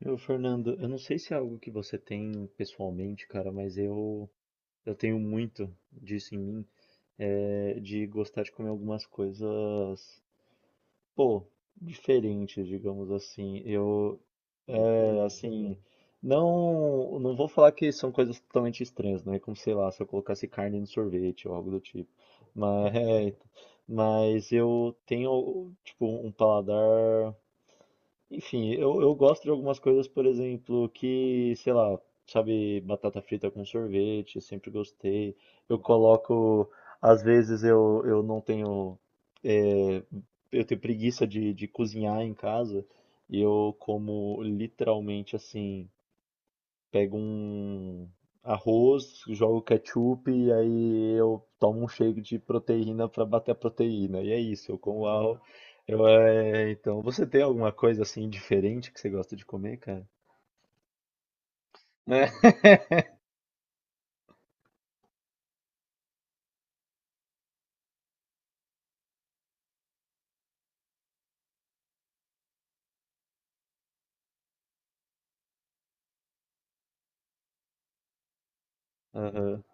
Meu, Fernando, eu não sei se é algo que você tem pessoalmente, cara, mas eu tenho muito disso em mim, é, de gostar de comer algumas coisas, pô, diferentes, digamos assim. Assim, não vou falar que são coisas totalmente estranhas, não é como, sei lá, se eu colocasse carne no sorvete ou algo do tipo. Mas, mas eu tenho, tipo, um paladar. Enfim, eu gosto de algumas coisas, por exemplo, que, sei lá, sabe, batata frita com sorvete, sempre gostei. Eu coloco, às vezes eu não tenho, é, eu tenho preguiça de cozinhar em casa e eu como literalmente assim. Pego um arroz, jogo ketchup e aí eu tomo um shake de proteína para bater a proteína. E é isso, eu como arroz. Você tem alguma coisa assim diferente que você gosta de comer, cara? Né? Aham,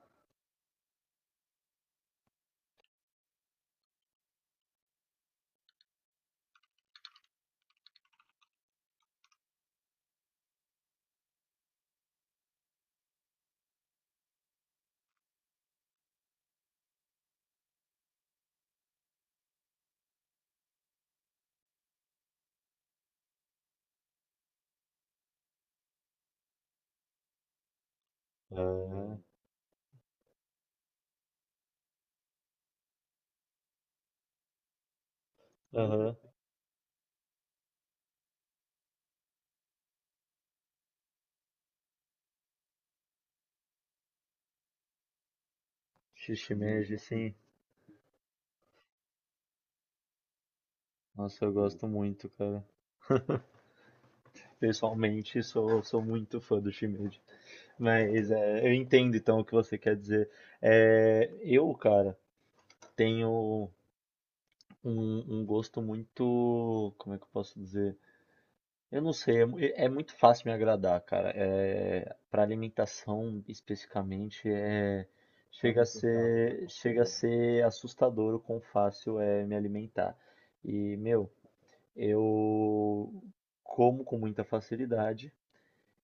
aham, aham. Shimeji, sim. Nossa, eu gosto muito, cara. Pessoalmente, sou muito fã do shimeji. Mas é, eu entendo então o que você quer dizer. É, eu, cara, tenho um gosto muito, como é que eu posso dizer? Eu não sei, é, é muito fácil me agradar, cara. É, para alimentação especificamente, é, chega a ser assustador o quão fácil é me alimentar. E, meu, eu como com muita facilidade.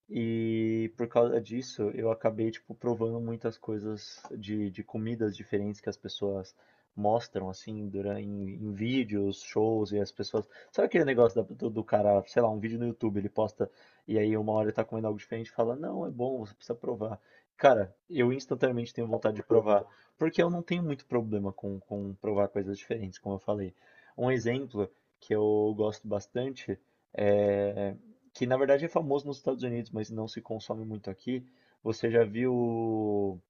E por causa disso, eu acabei, tipo, provando muitas coisas de comidas diferentes que as pessoas mostram, assim, durante, em vídeos, shows, e as pessoas... Sabe aquele negócio do cara, sei lá, um vídeo no YouTube, ele posta, e aí uma hora ele tá comendo algo diferente e fala, não, é bom, você precisa provar. Cara, eu instantaneamente tenho vontade de provar, porque eu não tenho muito problema com provar coisas diferentes, como eu falei. Um exemplo que eu gosto bastante é que na verdade é famoso nos Estados Unidos, mas não se consome muito aqui. Você já viu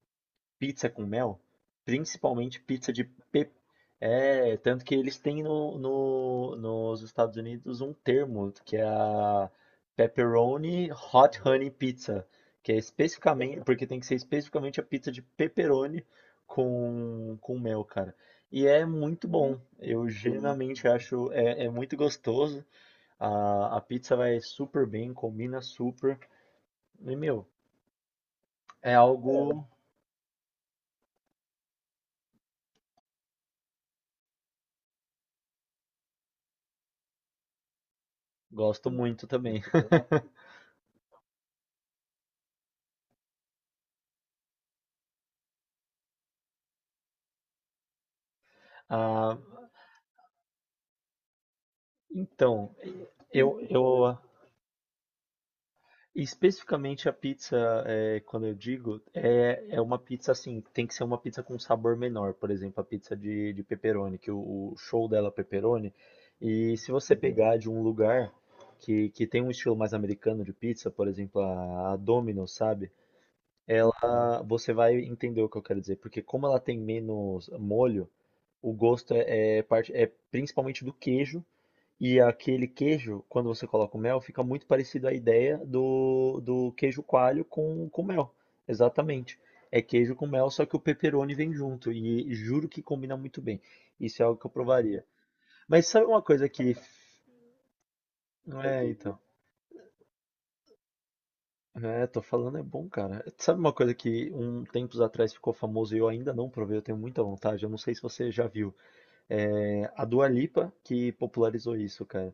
pizza com mel? Principalmente pizza de pe... é, tanto que eles têm nos Estados Unidos um termo, que é a Pepperoni Hot Honey Pizza, que é especificamente, porque tem que ser especificamente a pizza de pepperoni com mel, cara. E é muito bom. Eu Uhum. genuinamente acho, é, é muito gostoso. A pizza vai super bem, combina super. E, meu, é algo. Gosto muito também. Ah, então, eu especificamente a pizza, é, quando eu digo, é, é uma pizza assim, tem que ser uma pizza com sabor menor. Por exemplo, a pizza de pepperoni, que o show dela é pepperoni. E se você pegar de um lugar que tem um estilo mais americano de pizza, por exemplo, a Domino's, sabe? Ela, você vai entender o que eu quero dizer, porque como ela tem menos molho, o gosto é, é parte, é principalmente do queijo, e aquele queijo, quando você coloca o mel, fica muito parecido à ideia do queijo coalho com mel. Exatamente. É queijo com mel, só que o pepperoni vem junto, e juro que combina muito bem. Isso é algo que eu provaria. Mas sabe uma coisa que... É, então. É, tô falando, é bom, cara. Sabe uma coisa que um tempos atrás ficou famoso e eu ainda não provei, eu tenho muita vontade, eu não sei se você já viu. É a Dua Lipa que popularizou isso, cara.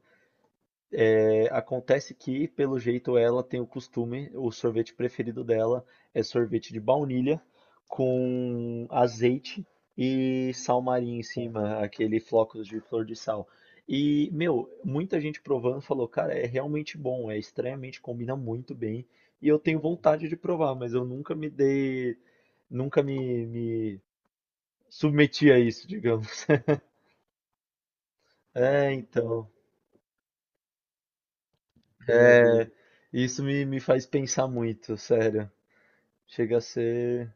É, acontece que, pelo jeito, ela tem o costume, o sorvete preferido dela é sorvete de baunilha com azeite e sal marinho em cima, aquele flocos de flor de sal. E, meu, muita gente provando falou, cara, é realmente bom, é estranhamente, combina muito bem. E eu tenho vontade de provar, mas eu nunca me dei, nunca me, me submeti a isso, digamos. É, então, é, me faz pensar muito, sério. Chega a ser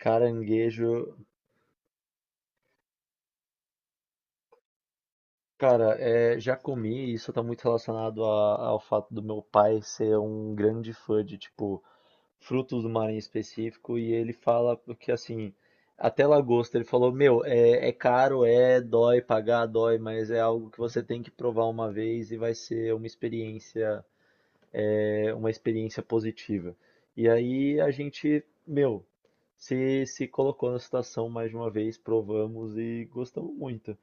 caranguejo. Cara, é, já comi, e isso tá muito relacionado ao fato do meu pai ser um grande fã de, tipo, frutos do mar em específico, e ele fala porque assim, até lagosta, ele falou, meu, é, é caro, é, dói, pagar dói, mas é algo que você tem que provar uma vez e vai ser uma experiência, é, uma experiência positiva. E aí a gente, meu, se colocou na situação mais de uma vez, provamos e gostamos muito.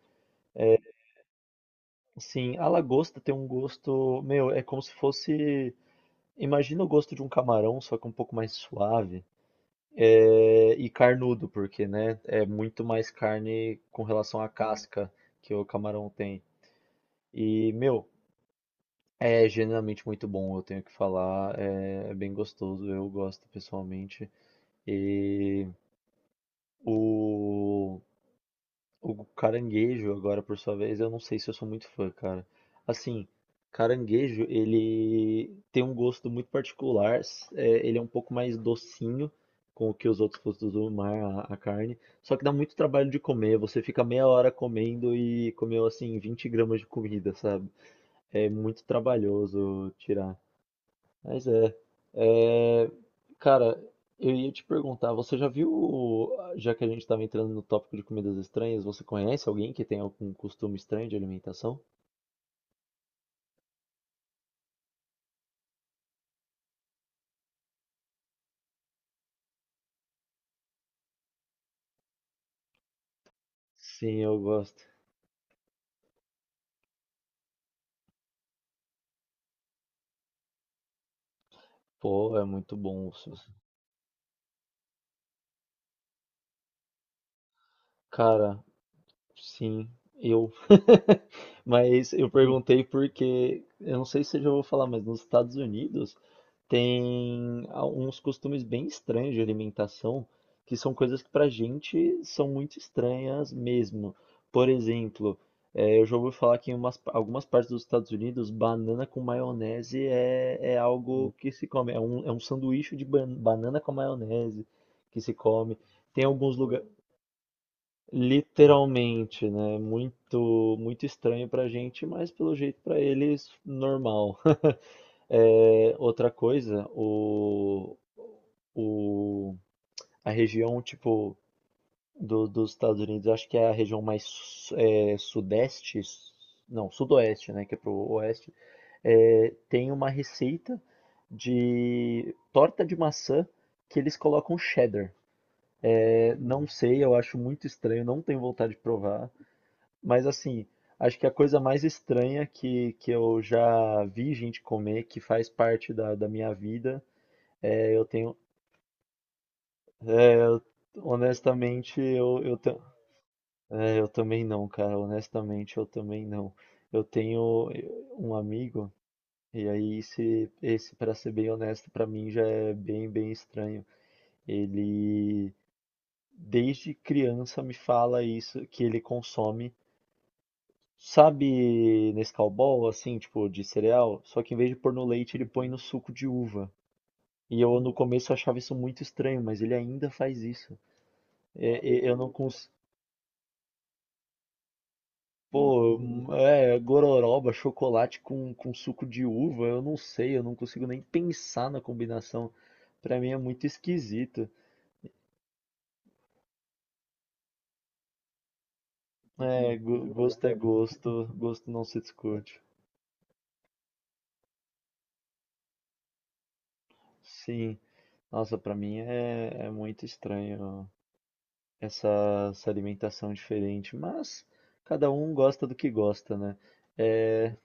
Sim, a lagosta tem um gosto, meu, é como se fosse, imagina o gosto de um camarão, só que um pouco mais suave, é, e carnudo, porque, né, é muito mais carne com relação à casca que o camarão tem. E, meu, é genuinamente muito bom, eu tenho que falar, é, é bem gostoso, eu gosto pessoalmente. E o O caranguejo, agora por sua vez, eu não sei se eu sou muito fã, cara. Assim, caranguejo, ele tem um gosto muito particular. É, ele é um pouco mais docinho com o que os outros frutos do mar, a carne. Só que dá muito trabalho de comer. Você fica meia hora comendo e comeu, assim, 20 gramas de comida, sabe? É muito trabalhoso tirar. Mas é, cara, eu ia te perguntar, você já viu, já que a gente estava entrando no tópico de comidas estranhas, você conhece alguém que tem algum costume estranho de alimentação? Sim, eu gosto. Pô, é muito bom. Se você- cara, sim, eu. Mas eu perguntei porque, eu não sei se eu já vou falar, mas nos Estados Unidos uns costumes bem estranhos de alimentação, que são coisas que pra gente são muito estranhas mesmo. Por exemplo, eu já ouvi falar que em algumas partes dos Estados Unidos, banana com maionese é, é algo que se come. É um sanduíche de banana com maionese que se come. Tem alguns lugares, literalmente, né? Muito, muito estranho pra gente, mas pelo jeito pra eles, normal. É, outra coisa, o, a região tipo dos Estados Unidos, eu acho que é a região mais sudeste, s- não, sudoeste, né, que é pro oeste, é, tem uma receita de torta de maçã que eles colocam cheddar. É, não sei, eu acho muito estranho, não tenho vontade de provar, mas assim, acho que a coisa mais estranha que eu já vi gente comer, que faz parte da minha vida, é, eu tenho. é, eu- honestamente, eu também não, cara. Honestamente, eu também não. Eu tenho um amigo, e aí esse para ser bem honesto, pra mim já é bem, bem estranho. Ele, desde criança, me fala isso, que ele consome. Sabe Nescau Ball, assim, tipo, de cereal? Só que em vez de pôr no leite, ele põe no suco de uva. E eu no começo achava isso muito estranho, mas ele ainda faz isso. Eu não consigo. Pô, é, gororoba, chocolate com suco de uva, eu não sei, eu não consigo nem pensar na combinação. Pra mim é muito esquisito. Gosto é gosto, gosto não se discute. Sim, nossa, pra mim é, é muito estranho essa, essa alimentação diferente, mas cada um gosta do que gosta, né? É,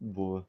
boa.